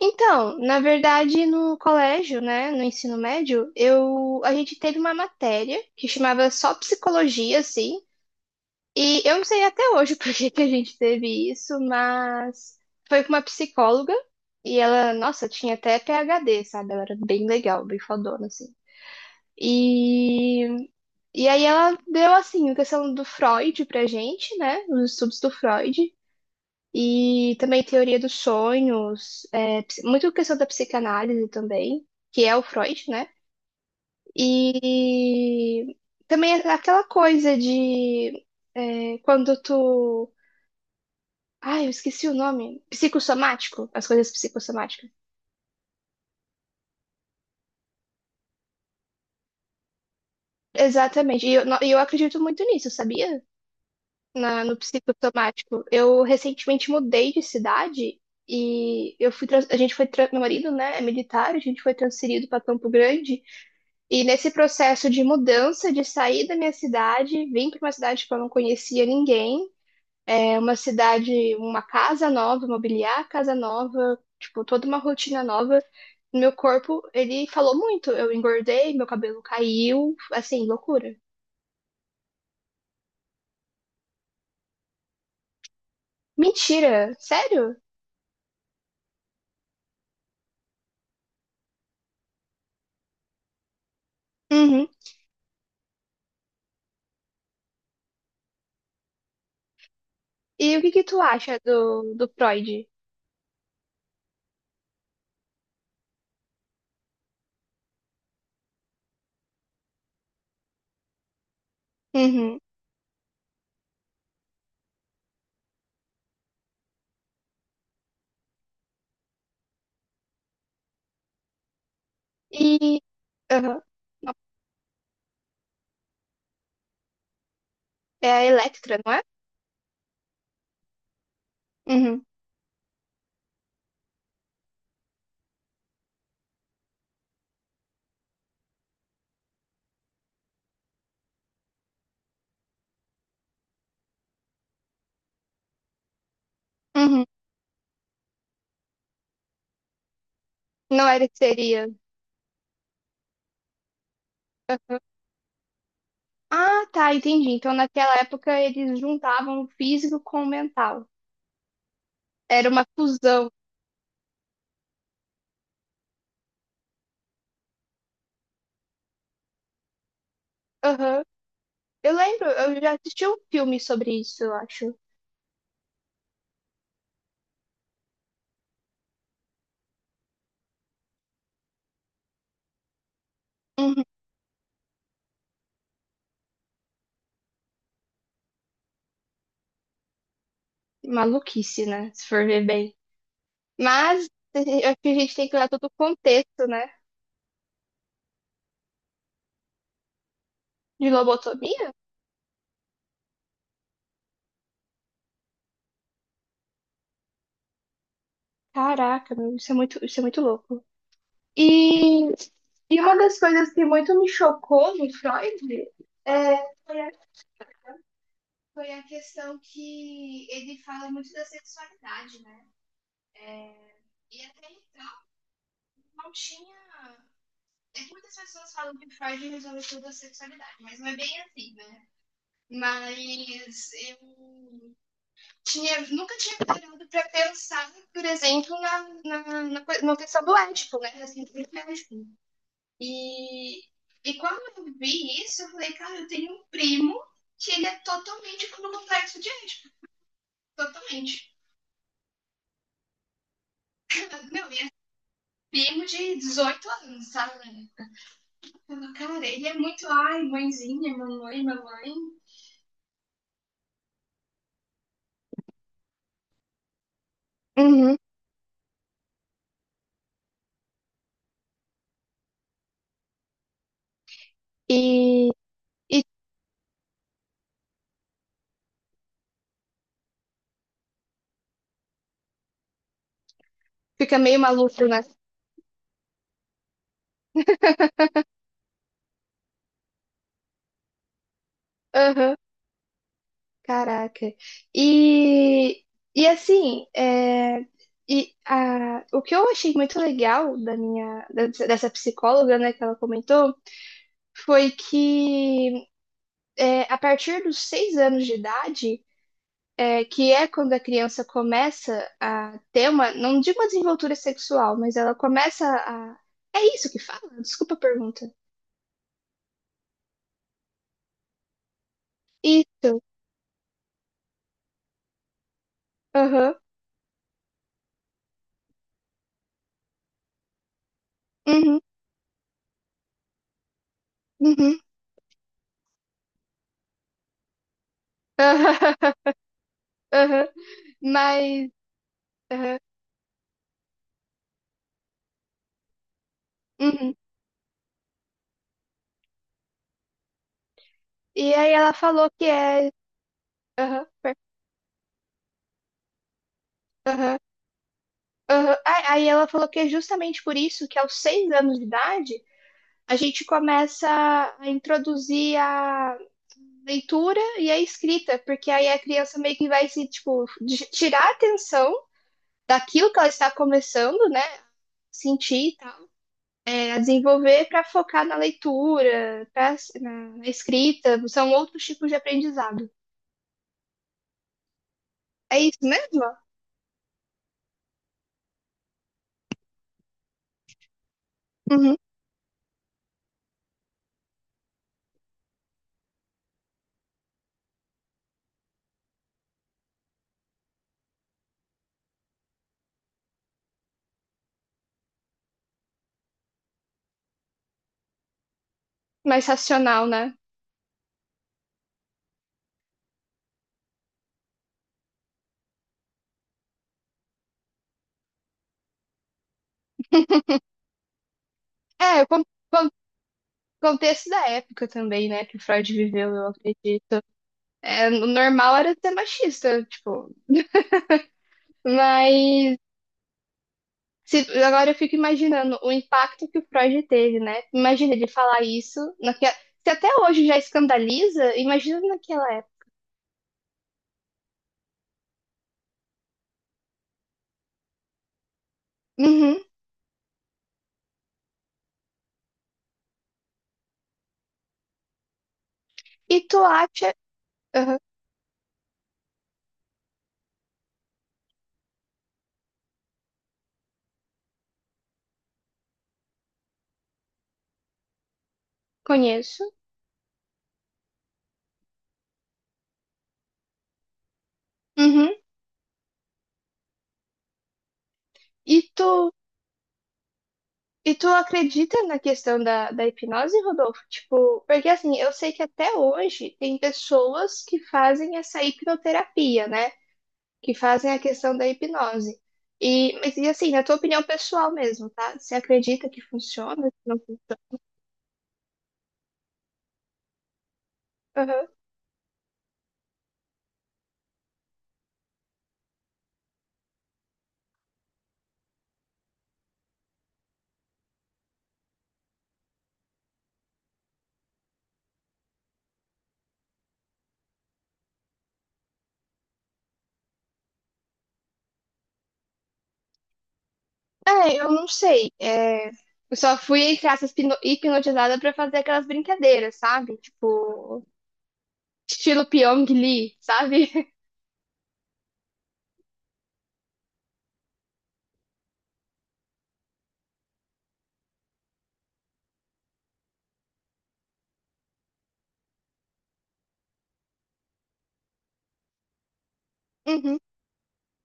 Então, na verdade, no colégio, né, no ensino médio, eu a gente teve uma matéria que chamava só psicologia, assim, e eu não sei até hoje por que que a gente teve isso, mas foi com uma psicóloga e ela, nossa, tinha até PhD, sabe? Ela era bem legal, bem fodona, assim. E, e aí ela deu, assim, a questão do Freud pra gente, né, os estudos do Freud, e também teoria dos sonhos, muito questão da psicanálise também, que é o Freud, né? E também é aquela coisa de quando tu. Ai, eu esqueci o nome. Psicossomático, as coisas psicossomáticas. Exatamente. E eu, e eu acredito muito nisso, sabia? No psicossomático. Eu recentemente mudei de cidade e eu a gente foi. Meu marido, né, é militar, a gente foi transferido para Campo Grande. E nesse processo de mudança, de sair da minha cidade, vim para uma cidade que eu não conhecia ninguém, é uma cidade, uma casa nova, mobiliar a casa nova, tipo, toda uma rotina nova. Meu corpo, ele falou muito. Eu engordei, meu cabelo caiu, assim, loucura. Mentira, sério? Uhum. E o que que tu acha do Freud? Uhum. E. Aham. É a Electra, não é? Uhum. Uhum. Não era que seria. Ah, tá, entendi. Então, naquela época, eles juntavam o físico com o mental. Era uma fusão. Aham. Eu lembro, eu já assisti um filme sobre isso, eu acho. Uhum. Maluquice, né? Se for ver bem. Mas eu acho que a gente tem que olhar todo o contexto, né? De lobotomia? Caraca, meu, isso é muito louco. E, e uma das coisas que muito me chocou no Freud é, foi foi a questão que ele fala muito da sexualidade, né? E até não tinha. É que muitas pessoas falam que Freud resolveu tudo a sexualidade, mas não é bem assim, né? Mas eu tinha, nunca tinha parado pra pensar, por exemplo, na questão do ético, né? Assim, do ético. E, e quando eu vi isso, eu falei, cara, eu tenho um primo que ele é totalmente com o complexo de ético. Totalmente. Meu, e é primo de 18 anos, sabe? Eu falo, cara, ele é muito, ai, mãezinha, mamãe, mamãe. Uhum. E, e fica meio maluco, né? Aham, caraca. E, e assim, é, o que eu achei muito legal da minha, dessa psicóloga, né, que ela comentou, foi que a partir dos 6 anos de idade, que é quando a criança começa a ter uma, não digo uma desenvoltura sexual, mas ela começa a. É isso que fala? Desculpa a pergunta. Isso. Aham. Uhum. Uhum. Aham, aham. Mas. Aham, uhum. E aí ela falou que é. Aham, aham, aham. Ah, aí ela falou que é justamente por isso que aos 6 anos de idade a gente começa a introduzir a leitura e a escrita, porque aí a criança meio que vai se, tipo, tirar a atenção daquilo que ela está começando, né? Sentir e tal, a desenvolver para focar na leitura, na escrita, são outros tipos de aprendizado. É isso mesmo? Uhum. Mais racional, né? É, o con- contexto da época também, né, que o Freud viveu, eu acredito. É, o normal era ser machista, tipo, mas agora eu fico imaginando o impacto que o Freud teve, né? Imagina ele falar isso, se até hoje já escandaliza, imagina naquela época. Uhum. E tu acha... Uhum, conheço. Uhum. E tu... E tu acredita na questão da hipnose, Rodolfo? Tipo, porque assim, eu sei que até hoje tem pessoas que fazem essa hipnoterapia, né? Que fazem a questão da hipnose. E assim, na tua opinião pessoal mesmo, tá? Você acredita que funciona? Que não... Aham. É, eu não sei. É, eu só fui, entre aspas, hipnotizada pra fazer aquelas brincadeiras, sabe? Tipo, estilo Pyong Lee, sabe? Uhum.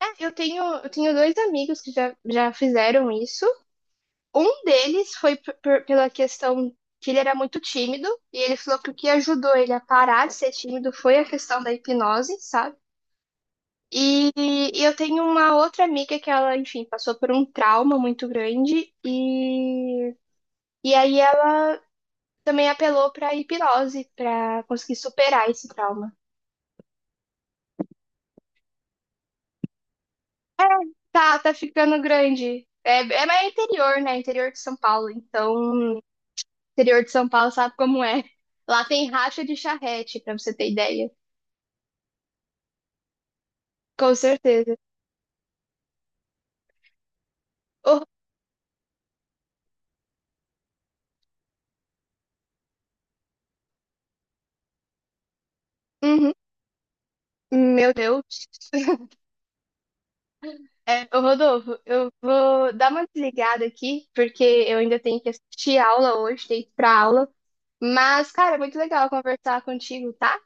É, eu tenho dois amigos que já fizeram isso. Um deles foi pela questão que ele era muito tímido, e ele falou que o que ajudou ele a parar de ser tímido foi a questão da hipnose, sabe? E, e eu tenho uma outra amiga que ela, enfim, passou por um trauma muito grande e aí ela também apelou pra hipnose pra conseguir superar esse trauma. Tá, tá ficando grande. É, mas é interior, né? Interior de São Paulo. Então, interior de São Paulo sabe como é. Lá tem racha de charrete, pra você ter ideia. Com certeza. Ô, uhum, meu Deus. É, ô, Rodolfo, eu vou dar uma desligada aqui, porque eu ainda tenho que assistir aula hoje, tenho que ir pra aula. Mas, cara, é muito legal conversar contigo, tá?